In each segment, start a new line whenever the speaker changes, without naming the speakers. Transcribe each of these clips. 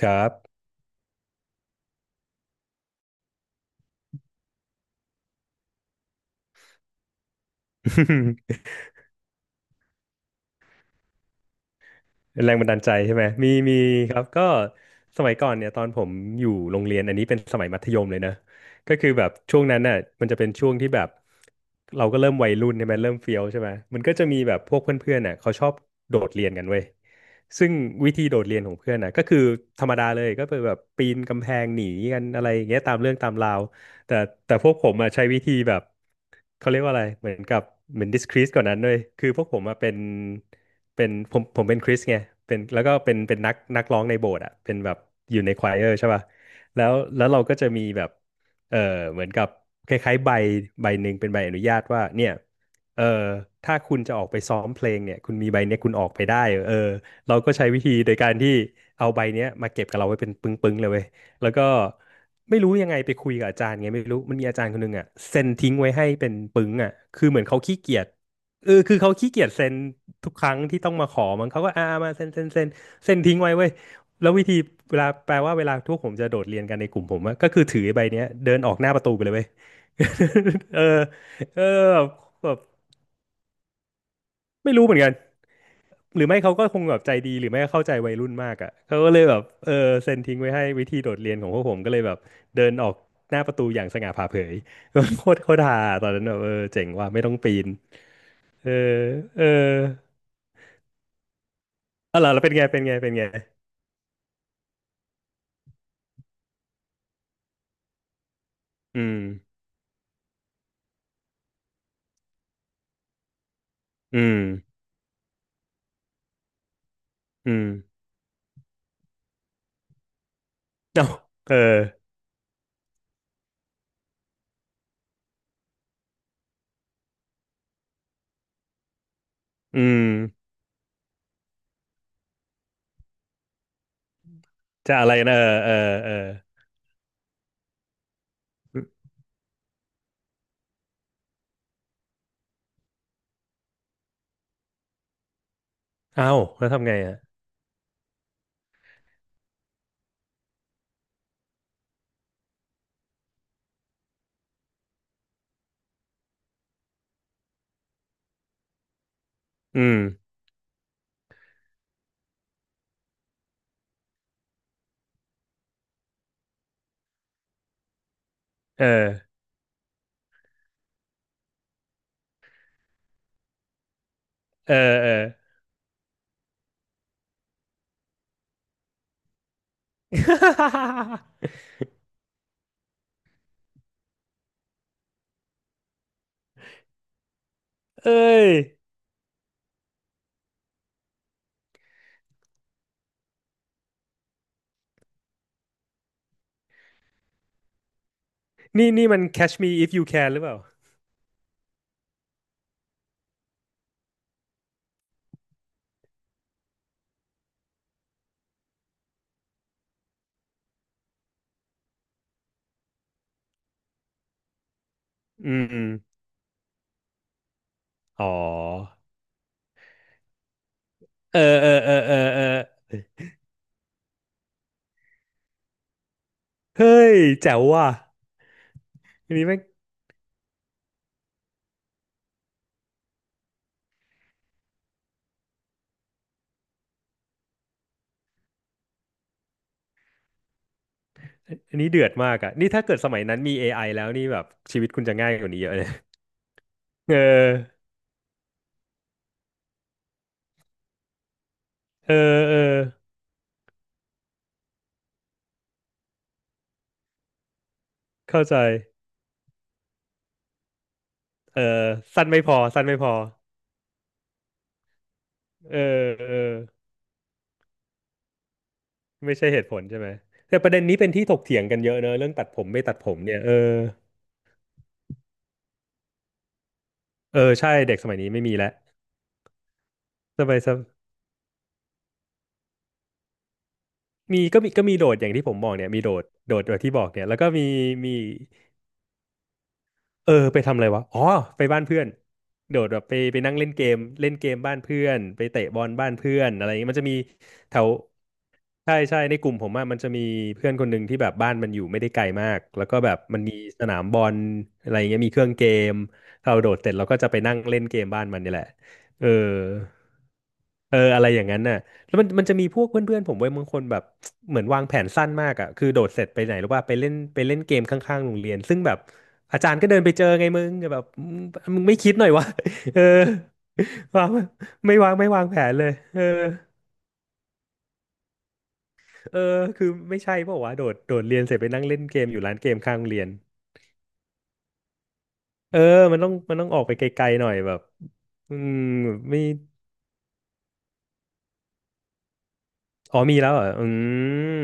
ครับ แรงบันดาลใจใช่ไหมมีครับก็สมัยก่อนเนี่ยตอนผมอยู่โรงเรียนอันนี้เป็นสมัยมัธยมเลยนะก็คือแบบช่วงนั้นน่ะมันจะเป็นช่วงที่แบบเราก็เริ่มวัยรุ่นใช่ไหมเริ่มเฟี้ยวใช่ไหมมันก็จะมีแบบพวกเพื่อนๆน่ะเขาชอบโดดเรียนกันเว้ยซึ่งวิธีโดดเรียนของเพื่อนน่ะก็คือธรรมดาเลยก็เป็นแบบปีนกำแพงหนีกันอะไรอย่างเงี้ยตามเรื่องตามราวแต่แต่พวกผมอ่ะใช้วิธีแบบเขาเรียกว่าอะไรเหมือนกับเหมือน discreet กว่านั้นเลยคือพวกผมอ่ะเป็น เป็นผมเป็นคริสไงเป็นแล้วก็เป็นนักร้องในโบสถ์อ่ะเป็นแบบอยู่ในควายเออร์ใช่ป่ะแล้วเราก็จะมีแบบเออเหมือนกับคล้ายๆใบใบหนึ่งเป็นใบอนุญาตว่าเนี่ยเออถ้าคุณจะออกไปซ้อมเพลงเนี่ยคุณมีใบเนี้ยคุณออกไปได้เออเราก็ใช้วิธีโดยการที่เอาใบเนี้ยมาเก็บกับเราไว้เป็นปึ้งๆเลยเว้ยแล้วก็ไม่รู้ยังไงไปคุยกับอาจารย์ไงไม่รู้มันมีอาจารย์คนหนึงอ่ะเซ็นทิ้งไว้ให้เป็นปึ้งอ่ะคือเหมือนเขาขี้เกียจ เออคือเขาขี้เกียจเซ็นทุกครั้งที่ต้องมาขอมั้งเขาก็มาเซ็นเซ็นทิ้งไว้เว้ยแล้ววิธีเวลาแปลว่าเวลาทุกผมจะโดดเรียนกันในกลุ่มผมอะก็คือถือไอ้ใบเนี้ยเดินออกหน้าประตูไปเลยเว้ย เออเออแบบไม่รู้เหมือนกันหรือไม่เขาก็คงแบบใจดีหรือไม่ก็เข้าใจวัยรุ่นมากอะเขาก็เลยแบบเซ็นทิ้งไว้ให้วิธีโดดเรียนของพวกผมก็เลยแบบเดินออกหน้าประตูอย่างสง่าผ่าเผย โคตรฮาตอนนั้นแบบเออเจ๋งว่ะไม่ต้องปีนเออเออ อ๋อเหรอแล้วเป็นไงอืมอืมอืมเอ้าเอออืมจะอะไรนะเออเออเออเอ้าแล้วทำไงอ่ะอืมเออเออเออ เอ้ยนี่นี่มัน Catch Me If You Can หรือเปล่าอืมอืมอ๋อเออเออเออเออเออเฮ้ยแจ๋วว่ะอันนี้แม่งอันนี้เดือดมากอ่ะนี่ถ้าเกิดสมัยนั้นมี AI แล้วนี่แบบชีวิตคุณจะง่ายกว่านี้เยอะเลย เออเออเออเข้าใจ เออสั้นไม่พอเออเออไม่ใช่เหตุผลใช่ไหมแต่ประเด็นนี้เป็นที่ถกเถียงกันเยอะเนอะเรื่องตัดผมไม่ตัดผมเนี่ยเออเออใช่เด็กสมัยนี้ไม่มีแล้วสมัยสมมีโดดอย่างที่ผมบอกเนี่ยมีโดดโดดแบบที่บอกเนี่ยแล้วก็มีมี เออไปทำอะไรวะอ๋อไปบ้านเพื่อนโดดแบบไปนั่งเล่นเกมเล่นเกมบ้านเพื่อนไปเตะบอลบ้านเพื่อนอะไรอย่างงี้มันจะมีแถวใช่ใช่ในกลุ่มผมอะมันจะมีเพื่อนคนหนึ่งที่แบบบ้านมันอยู่ไม่ได้ไกลมากแล้วก็แบบมันมีสนามบอลอะไรอย่างเงี้ยมีเครื่องเกมเราโดดเสร็จเราก็จะไปนั่งเล่นเกมบ้านมันนี่แหละเออเอออะไรอย่างนั้นน่ะ แล้วมันจะมีพวกเพื่อนๆผมเว้ยบางคนแบบ เหมือนวางแผนสั้นมากอ่ะคือโดดเสร็จไปไหนหรือว่าไปเล่นเกมข้างๆโรงเรียนซึ่งแบบอาจารย์ก็เดินไปเจอไงมึงแบบมึงมึงไม่คิดหน่อยวะ เออ วางไม่วางแผนเลยเออเออคือไม่ใช่เปล่าวะโดดเรียนเสร็จไปนั่งเล่นเกมอยู่ร้านเกมข้างโรงเรียนเออมันต้องออกไปไกลๆหน่อยแบบอืมไม่อ๋อมีแล้วเหรออืม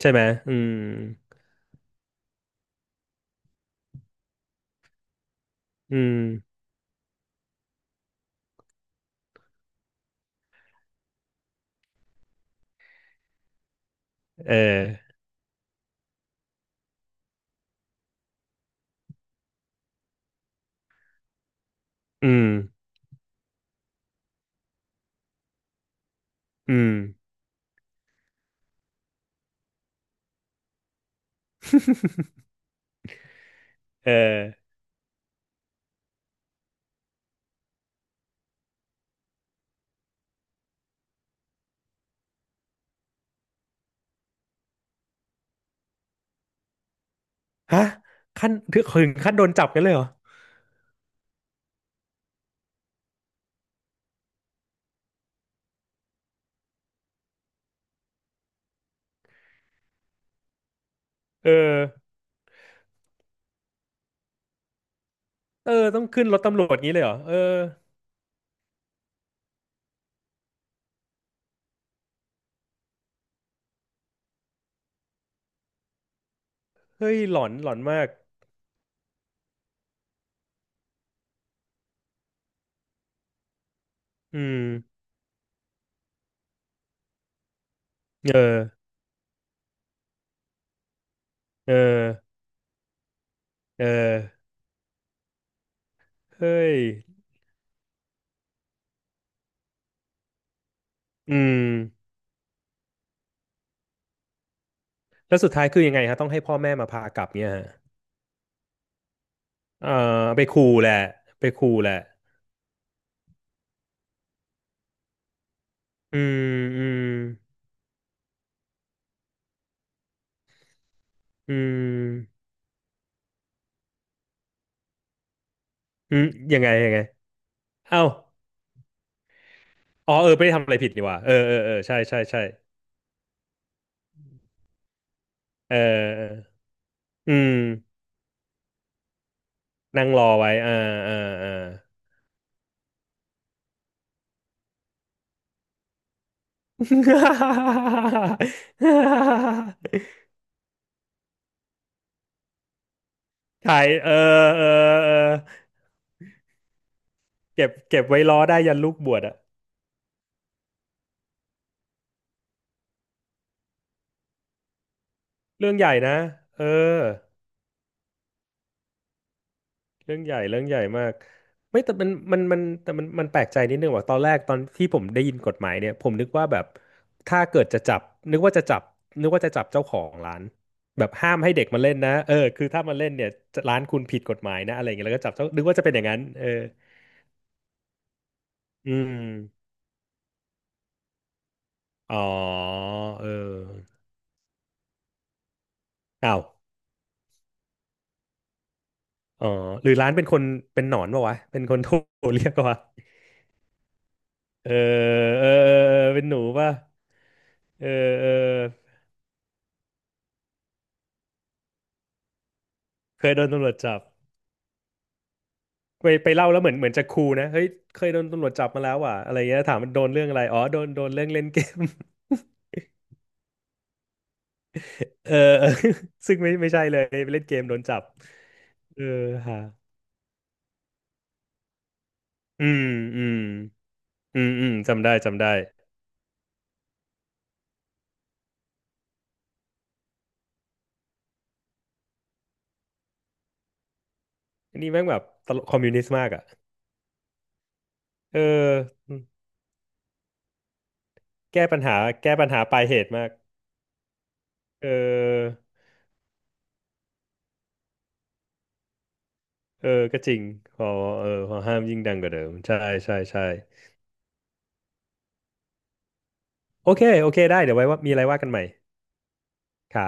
ใช่ไหมอืมอืมเอออืมอืม เออฮะขั้นถึงถึงขั้นโดนจับกันเลยเหรอเออเออต้องขึ้นรถตำรวจงี้เลยเหรอเออเฮ้ยหลอนมากอืมเออเออเออเฮ้ยอืมแล้วสุดท้ายคือยังไงฮะต้องให้พ่อแม่มาพากลับเนี่ยฮะเออไปขู่แหละไปขู่แหละอืมอืมอืมอืมยังไงยังไงเอ้าอ๋อเออไม่ได้ทำอะไรผิดนี่หว่าเออเออเออใช่ใช่ใช่เออเอออืม นั่งรอไว้อ่าอ่าอ่า ถ่ายเออเออเออเก็บไว้ล้อได้ยันลูกบวชอะเรื่องใหญ่นะเออเรื่องใหญ่เรื่องใหญ่มากไม่แต่มันแต่มันแปลกใจนิดนึงว่าตอนแรกตอนที่ผมได้ยินกฎหมายเนี่ยผมนึกว่าแบบถ้าเกิดจะจับนึกว่าจะจับนึกว่าจะจับเจ้าของร้านแบบห้ามให้เด็กมาเล่นนะเออคือถ้ามาเล่นเนี่ยร้านคุณผิดกฎหมายนะอะไรเงี้ยแล้วก็จับเจ้านึกว่าจะเป็นอย่างนั้นเอออืม อ๋อเอออ้าวอ๋อหรือร้านเป็นคนเป็นหนอนปะวะเป็นคนโทรเรียกปะวะเออเออเออเออเป็นหนูปะเออเออเคยโดนตำรวจจับไปเล่าแล้วเหมือนจะคูลนะเฮ้ยเคยโดนตำรวจจับมาแล้วว่ะอะไรเงี้ยถามมันโดนเรื่องอะไรอ๋อโดนเรื่องเล่นเกม เออเออ ซึ่งไม่ไม่ใช่เลยไปเล่นเกมโดนจับเออฮะอืมอืมอืมอืมจำได้จำได้อันนี้แม่งแบบตลกคอมมิวนิสต์มากอ่ะเออ แก้ปัญหาปลายเหตุมากเออ เออ ก็จริงพอเออพอห้ามยิ่งดังกว่าเดิม ใช่ใช่ใช่โอเค โอเค ได้ เดี๋ยวไว้ว่ามีอะไรว่ากันใหม่ครับ